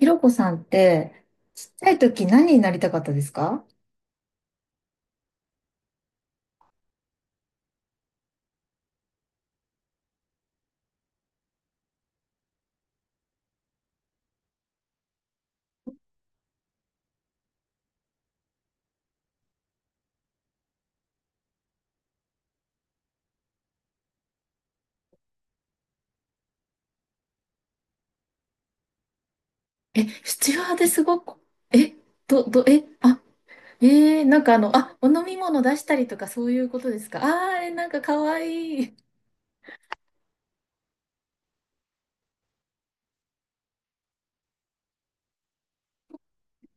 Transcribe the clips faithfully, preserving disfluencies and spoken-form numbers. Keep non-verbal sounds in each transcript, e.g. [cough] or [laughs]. ひろこさんって、ちっちゃい時何になりたかったですか？え、スチュワーデスごっこ、え、ど、ど、え、あ、えー、なんかあの、あ、お飲み物出したりとかそういうことですか？あー、えなんかかわいい。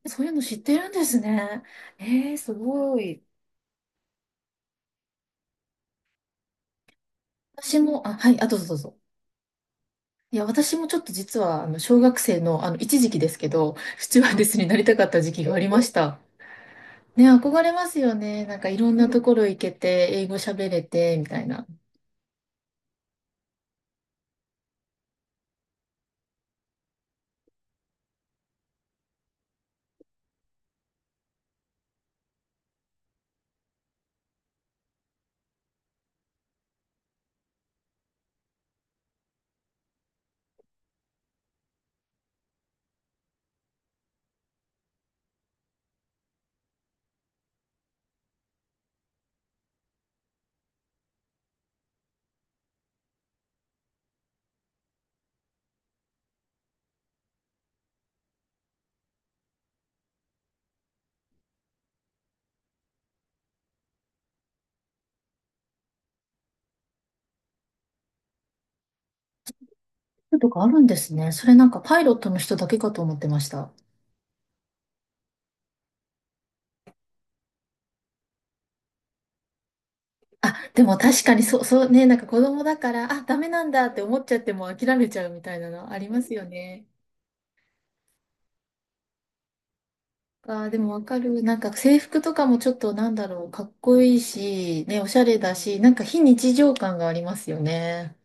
そういうの知ってるんですね。えー、すごい。私も、あ、はい、あ、どうぞどうぞ。いや、私もちょっと実は、あの、小学生の、あの、一時期ですけど、スチュワーデスになりたかった時期がありました。ね、憧れますよね。なんかいろんなところ行けて、英語喋れて、みたいな。とかあるんですね。それなんかパイロットの人だけかと思ってました。あ、でも確かにそう、そうね、なんか子供だから、あ、ダメなんだって思っちゃっても諦めちゃうみたいなのありますよね。あー、でもわかる。なんか制服とかもちょっとなんだろう、かっこいいし、ね、おしゃれだし、なんか非日常感がありますよね。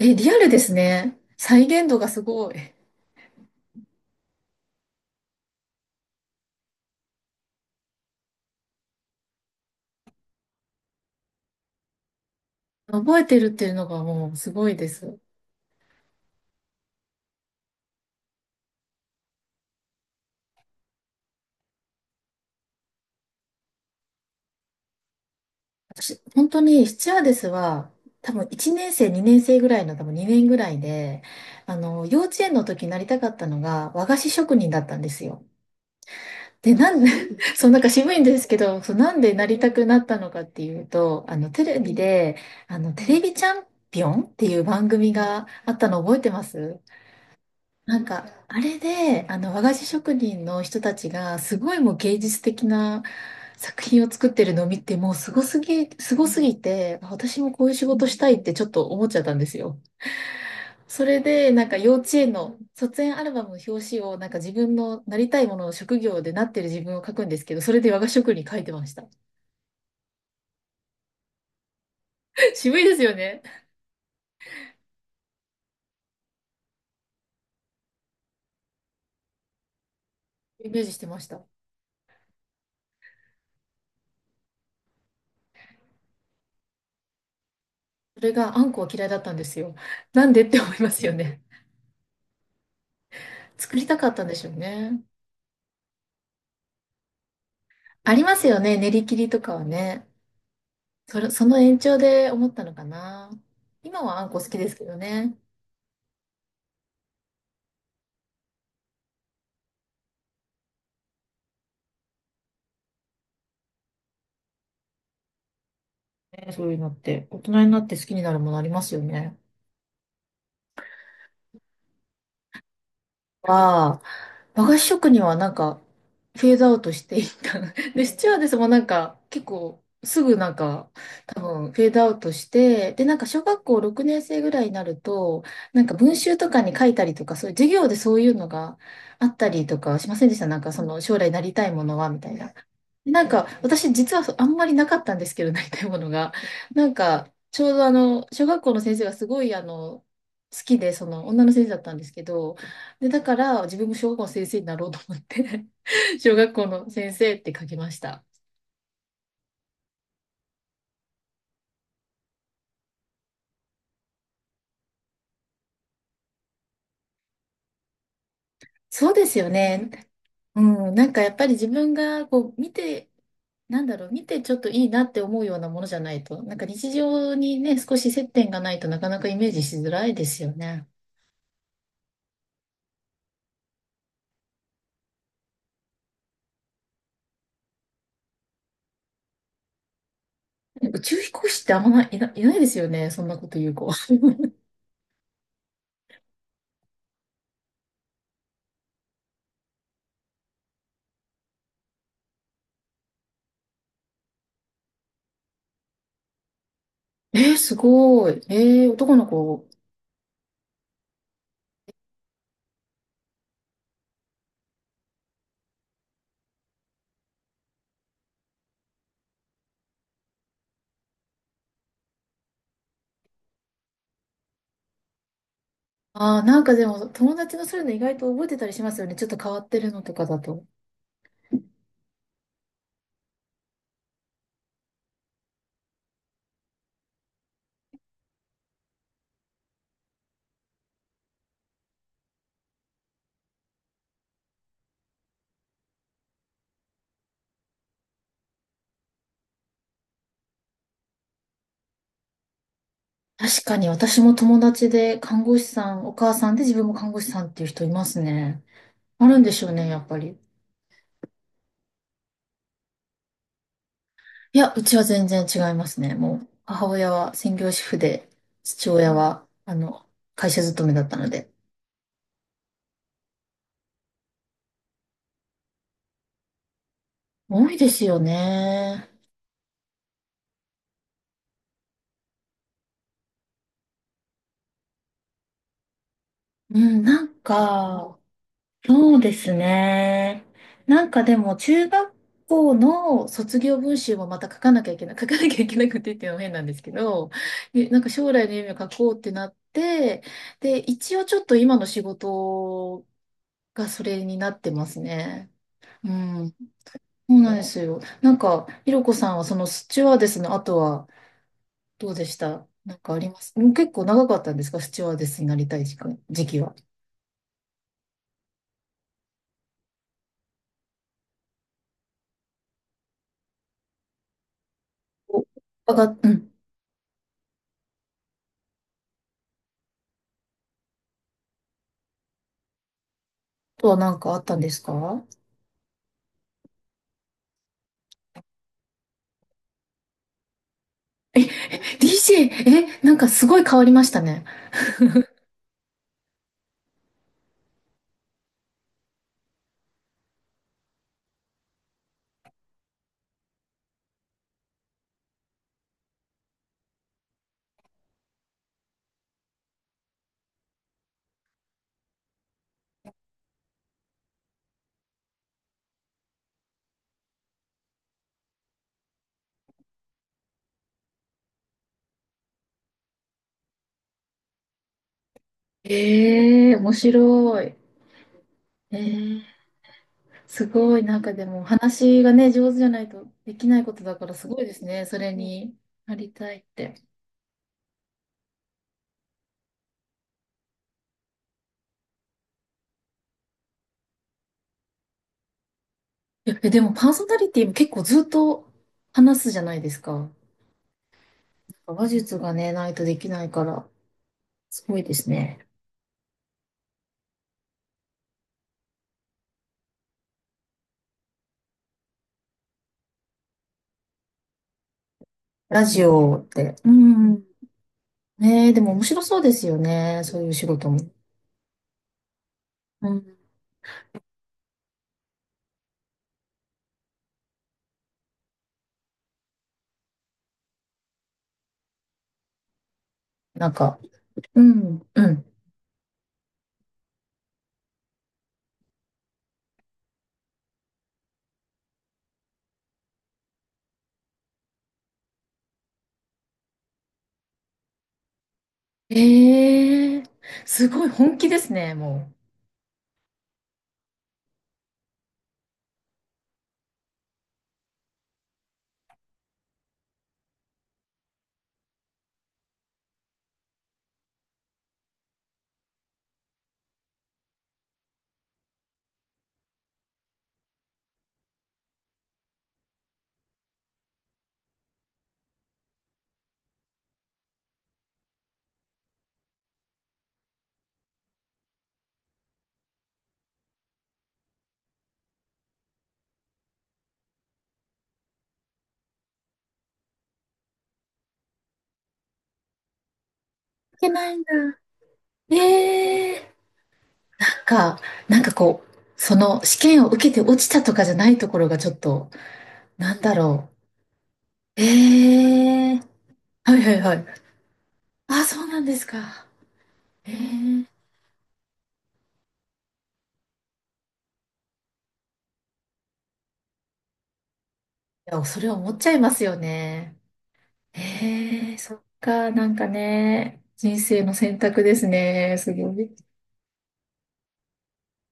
え、リアルですね。再現度がすごい。覚えてるっていうのがもうすごいです。私、本当にスチュワーデスは、多分いちねん生、にねん生ぐらいの、多分にねんぐらいで、あの、幼稚園の時になりたかったのが和菓子職人だったんですよ。で、なんで、[laughs] そう、なんか渋いんですけど、そう、なんでなりたくなったのかっていうと、あの、テレビで、あの、テレビチャンピオンっていう番組があったの覚えてます？なんか、あれで、あの、和菓子職人の人たちが、すごいもう芸術的な作品を作ってるのを見て、もうすごすぎ、すごすぎて、あ私もこういう仕事したいってちょっと思っちゃったんですよ。それで、なんか幼稚園の卒園アルバムの表紙を、なんか自分のなりたいものの職業でなってる自分を書くんですけど、それで和菓子職に書いてました。[laughs] 渋いですよね。イメージしてました。それがあんこは嫌いだったんですよ。なんでって思いますよね。作りたかったんでしょうね。ありますよね、練り切りとかはね。それ、その延長で思ったのかな。今はあんこ好きですけどね。ねそういうのって、大人になって好きになるものありますよね。は、和菓子職人はなんか、フェードアウトしていった。[laughs] で、スチュワーデスもなんか、結構、すぐなんか、多分、フェードアウトして、で、なんか、小学校ろくねん生ぐらいになると、なんか、文集とかに書いたりとか、そういう授業でそういうのがあったりとかしませんでした？なんか、その、将来なりたいものは、みたいな。なんか、私実はそあんまりなかったんですけど、[laughs] なりたいものが。なんか、ちょうどあの、小学校の先生がすごいあの、好きで、その女の先生だったんですけど、で、だから自分も小学校の先生になろうと思って [laughs] 小学校の先生って書きました。そうですよね。うん、なんかやっぱり自分がこう見て、なんだろう、見てちょっといいなって思うようなものじゃないと、なんか日常にね、少し接点がないとなかなかイメージしづらいですよね。宇宙飛行士ってあんまない、いな、いないですよね。そんなこと言う子。[laughs] えー、すごい。えー、男の子。ああ、なんかでも、友達のそういうの意外と覚えてたりしますよね。ちょっと変わってるのとかだと。確かに、私も友達で看護師さん、お母さんで自分も看護師さんっていう人いますね。あるんでしょうね、やっぱり。いや、うちは全然違いますね。もう、母親は専業主婦で、父親は、あの、会社勤めだったので。多いですよね。うん、なんか、そうですね。なんかでも、中学校の卒業文集もまた書かなきゃいけない、[laughs] 書かなきゃいけなくてっていうのも変なんですけど、えなんか将来の夢を書こうってなって、で、一応ちょっと今の仕事がそれになってますね。うん。そうなんですよ。なんか、ひろこさんはそのスチュワーデスの後はどうでした？なんかあります？うん、結構長かったんですか？スチュワーデスになりたい時間、時期は。お、あが、うん。とはなんかあったんですか？ ディージェー、え、なんかすごい変わりましたね。ええ面白い。えーすごい、なんかでも話がね、上手じゃないとできないことだからすごいですね。それになりたいって。いやえ、でもパーソナリティも結構ずっと話すじゃないですか。話術がね、ないとできないから、すごいですね。ラジオって。うん。ねえ、でも面白そうですよね。そういう仕事も。うん。なんか、うん、うん。ええーすごい本気ですね、もういけないんだ。う。えーなんか、なんかこう、その試験を受けて落ちたとかじゃないところがちょっと、なんだろう。ええーはいはいはい。あ、そうなんですか。ええーいや、それは思っちゃいますよね。ええーそっか、なんかね、人生の選択ですね、すごい。